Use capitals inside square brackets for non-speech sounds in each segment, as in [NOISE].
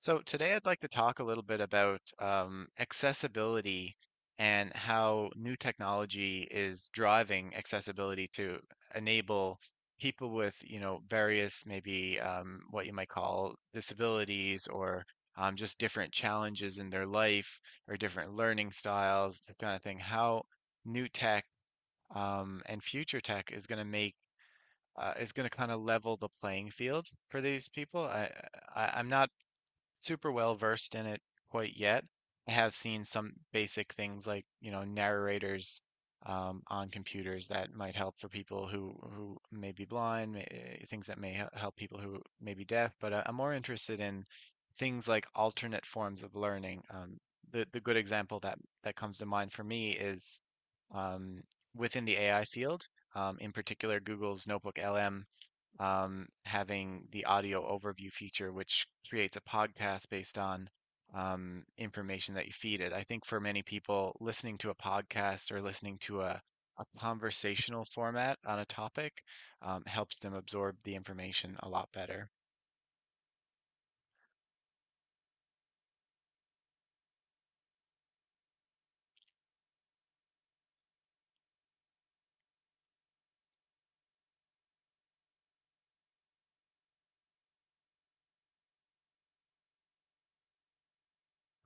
So today I'd like to talk a little bit about accessibility and how new technology is driving accessibility to enable people with, you know, various maybe what you might call disabilities or just different challenges in their life or different learning styles, that kind of thing. How new tech and future tech is going to make is going to kind of level the playing field for these people. I'm not super well versed in it quite yet. I have seen some basic things like, you know, narrators on computers that might help for people who may be blind, things that may help people who may be deaf. But I'm more interested in things like alternate forms of learning. The good example that comes to mind for me is um, within the AI field, in particular Google's Notebook LM, having the audio overview feature, which creates a podcast based on information that you feed it. I think for many people, listening to a podcast or listening to a conversational format on a topic helps them absorb the information a lot better.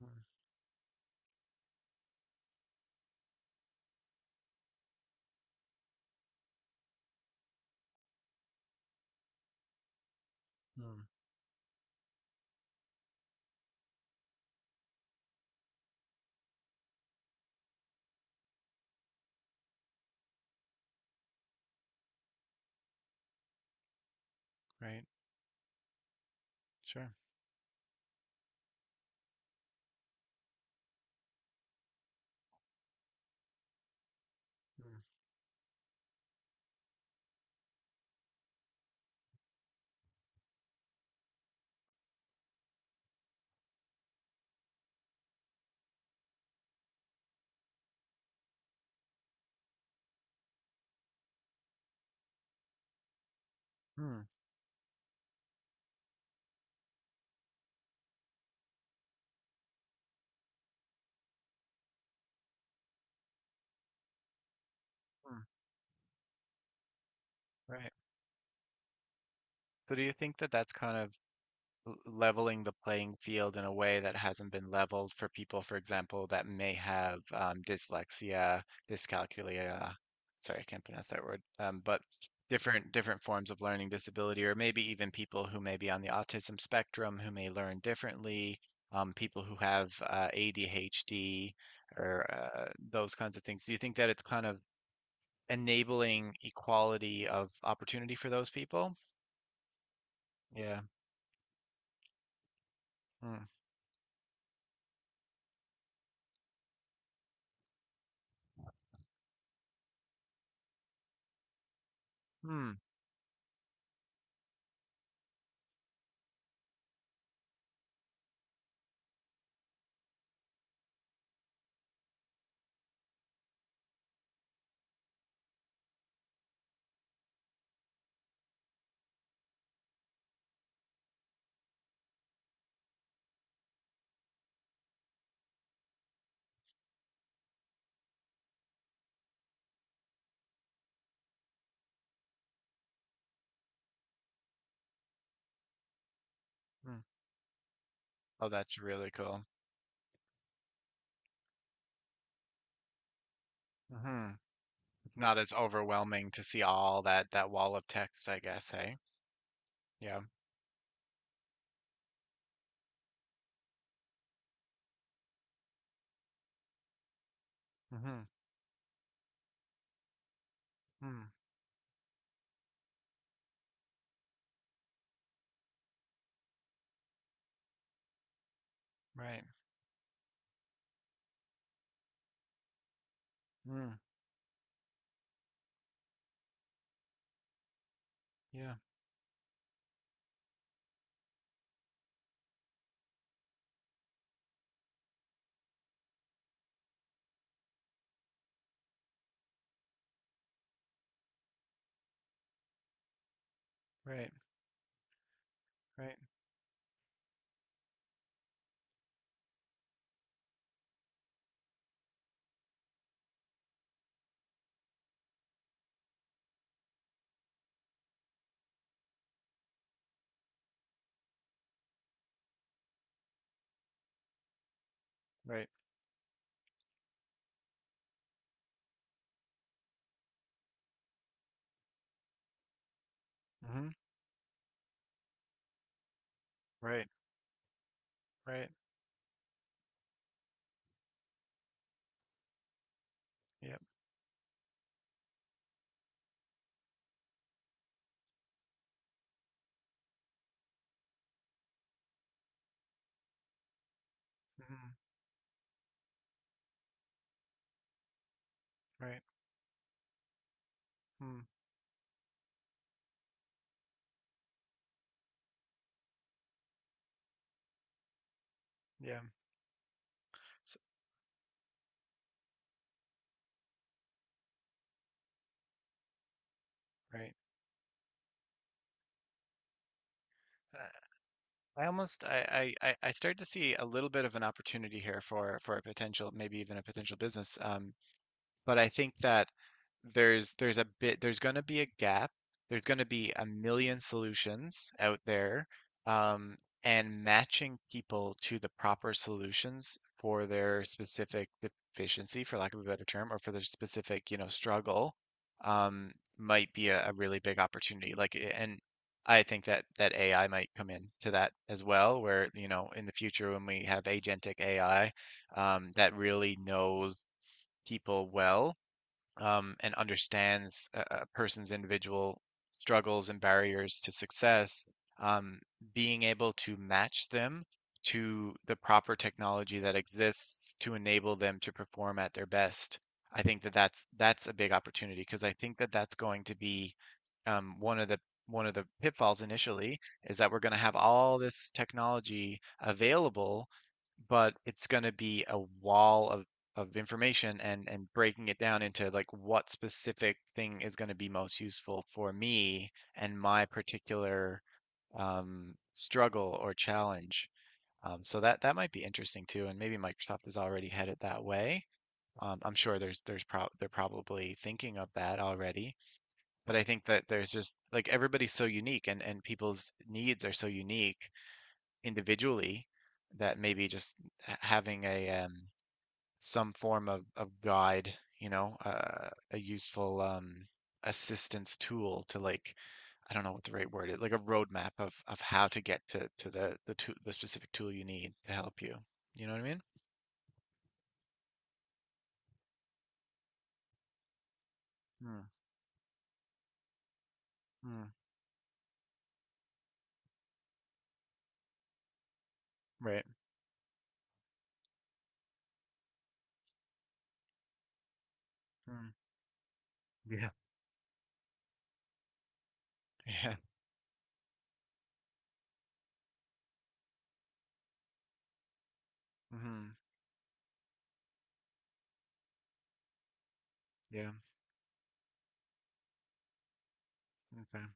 Mm, mm. Right? Sure. Mm, mm, mm. Right. So do you think that that's kind of leveling the playing field in a way that hasn't been leveled for people, for example, that may have dyslexia, dyscalculia. Sorry, I can't pronounce that word. But different forms of learning disability, or maybe even people who may be on the autism spectrum who may learn differently. People who have ADHD or those kinds of things. Do you think that it's kind of enabling equality of opportunity for those people? Yeah. Mm. Hmm. Hmm. Oh, that's really cool. Hmm. It's not as overwhelming to see all that that wall of text, I guess, hey? Yeah. Hmm. Mm, right. Mm, yeah. Right. Right. Right. Hmm. Right. Right. Yep. Hmm. Right. Mm, yeah. S- right. Uh, I almost I start to see a little bit of an opportunity here for a potential maybe even a potential business. But I think that there's going to be a gap. There's going to be a million solutions out there, um, and matching people to the proper solutions for their specific deficiency, for lack of a better term, or for their specific, you know, struggle, um, might be a really big opportunity. Like, and I think that that AI might come in to that as well, where, you know, in the future when we have agentic AI, that really knows people well and understands a person's individual struggles and barriers to success, um, being able to match them to the proper technology that exists to enable them to perform at their best. I think that that's a big opportunity because I think that that's going to be um, one of the one of the pitfalls initially is that we're going to have all this technology available, but it's going to be a wall of information and breaking it down into like what specific thing is going to be most useful for me and my particular struggle or challenge. So that that might be interesting too, and maybe Microsoft is already headed that way. I'm sure there's prob they're probably thinking of that already. But I think that there's just like everybody's so unique, and people's needs are so unique individually that maybe just having a some form of guide, you know, a useful assistance tool to like I don't know what the right word is, like a roadmap of how to get to the tool, the specific tool you need to help you. You know what I mean? Mm, mm, right. Mm, yeah. [LAUGHS] Yeah. Hmm. Yeah. Okay.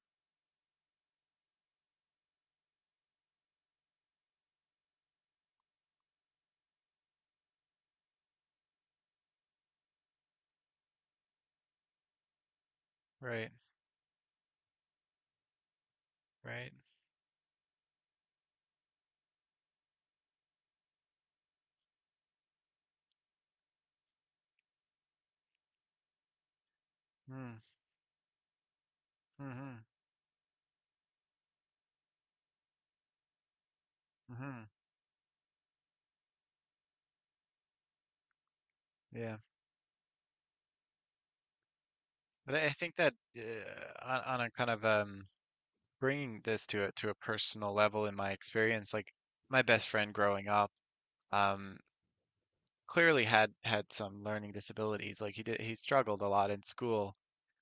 Right. Right. Mm, mm-hmm. Mm-hmm. Yeah. But I think that on a kind of bringing this to a personal level in my experience, like my best friend growing up um, clearly had some learning disabilities. Like he did, he struggled a lot in school.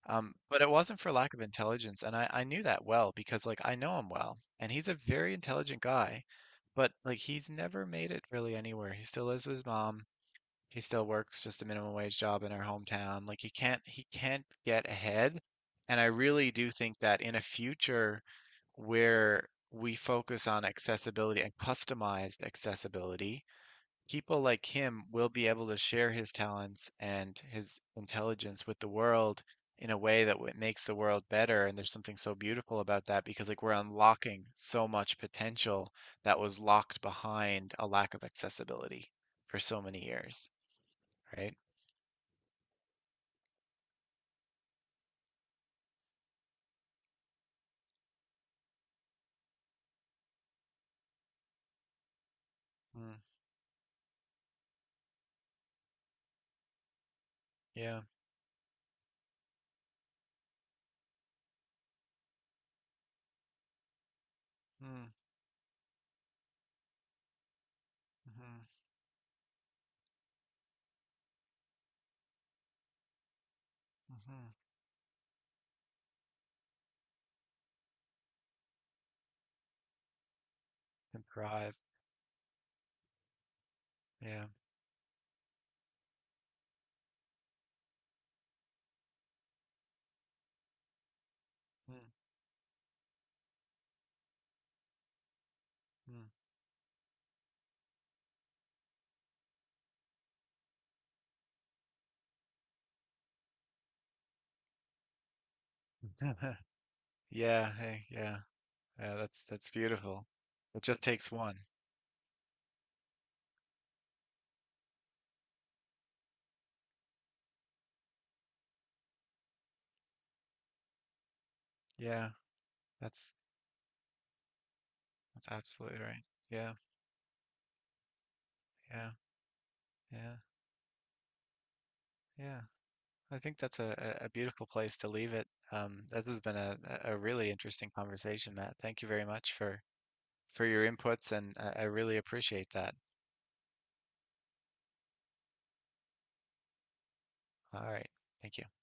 But it wasn't for lack of intelligence, and I knew that well because like I know him well, and he's a very intelligent guy, but like he's never made it really anywhere. He still lives with his mom. He still works just a minimum wage job in our hometown. Like he can't get ahead. And I really do think that in a future where we focus on accessibility and customized accessibility, people like him will be able to share his talents and his intelligence with the world in a way that makes the world better. And there's something so beautiful about that because, like, we're unlocking so much potential that was locked behind a lack of accessibility for so many years, right? Mm, yeah. Mm, hmm. Hmm. And thrive. Yeah. Mm, mm. [LAUGHS] Yeah. Hey, yeah. Yeah. That's beautiful. It just takes one. Yeah. That's That's absolutely right. Yeah, yeah, yeah, yeah. I think that's a beautiful place to leave it. This has been a really interesting conversation, Matt. Thank you very much for your inputs, and I really appreciate that. All right. Thank you.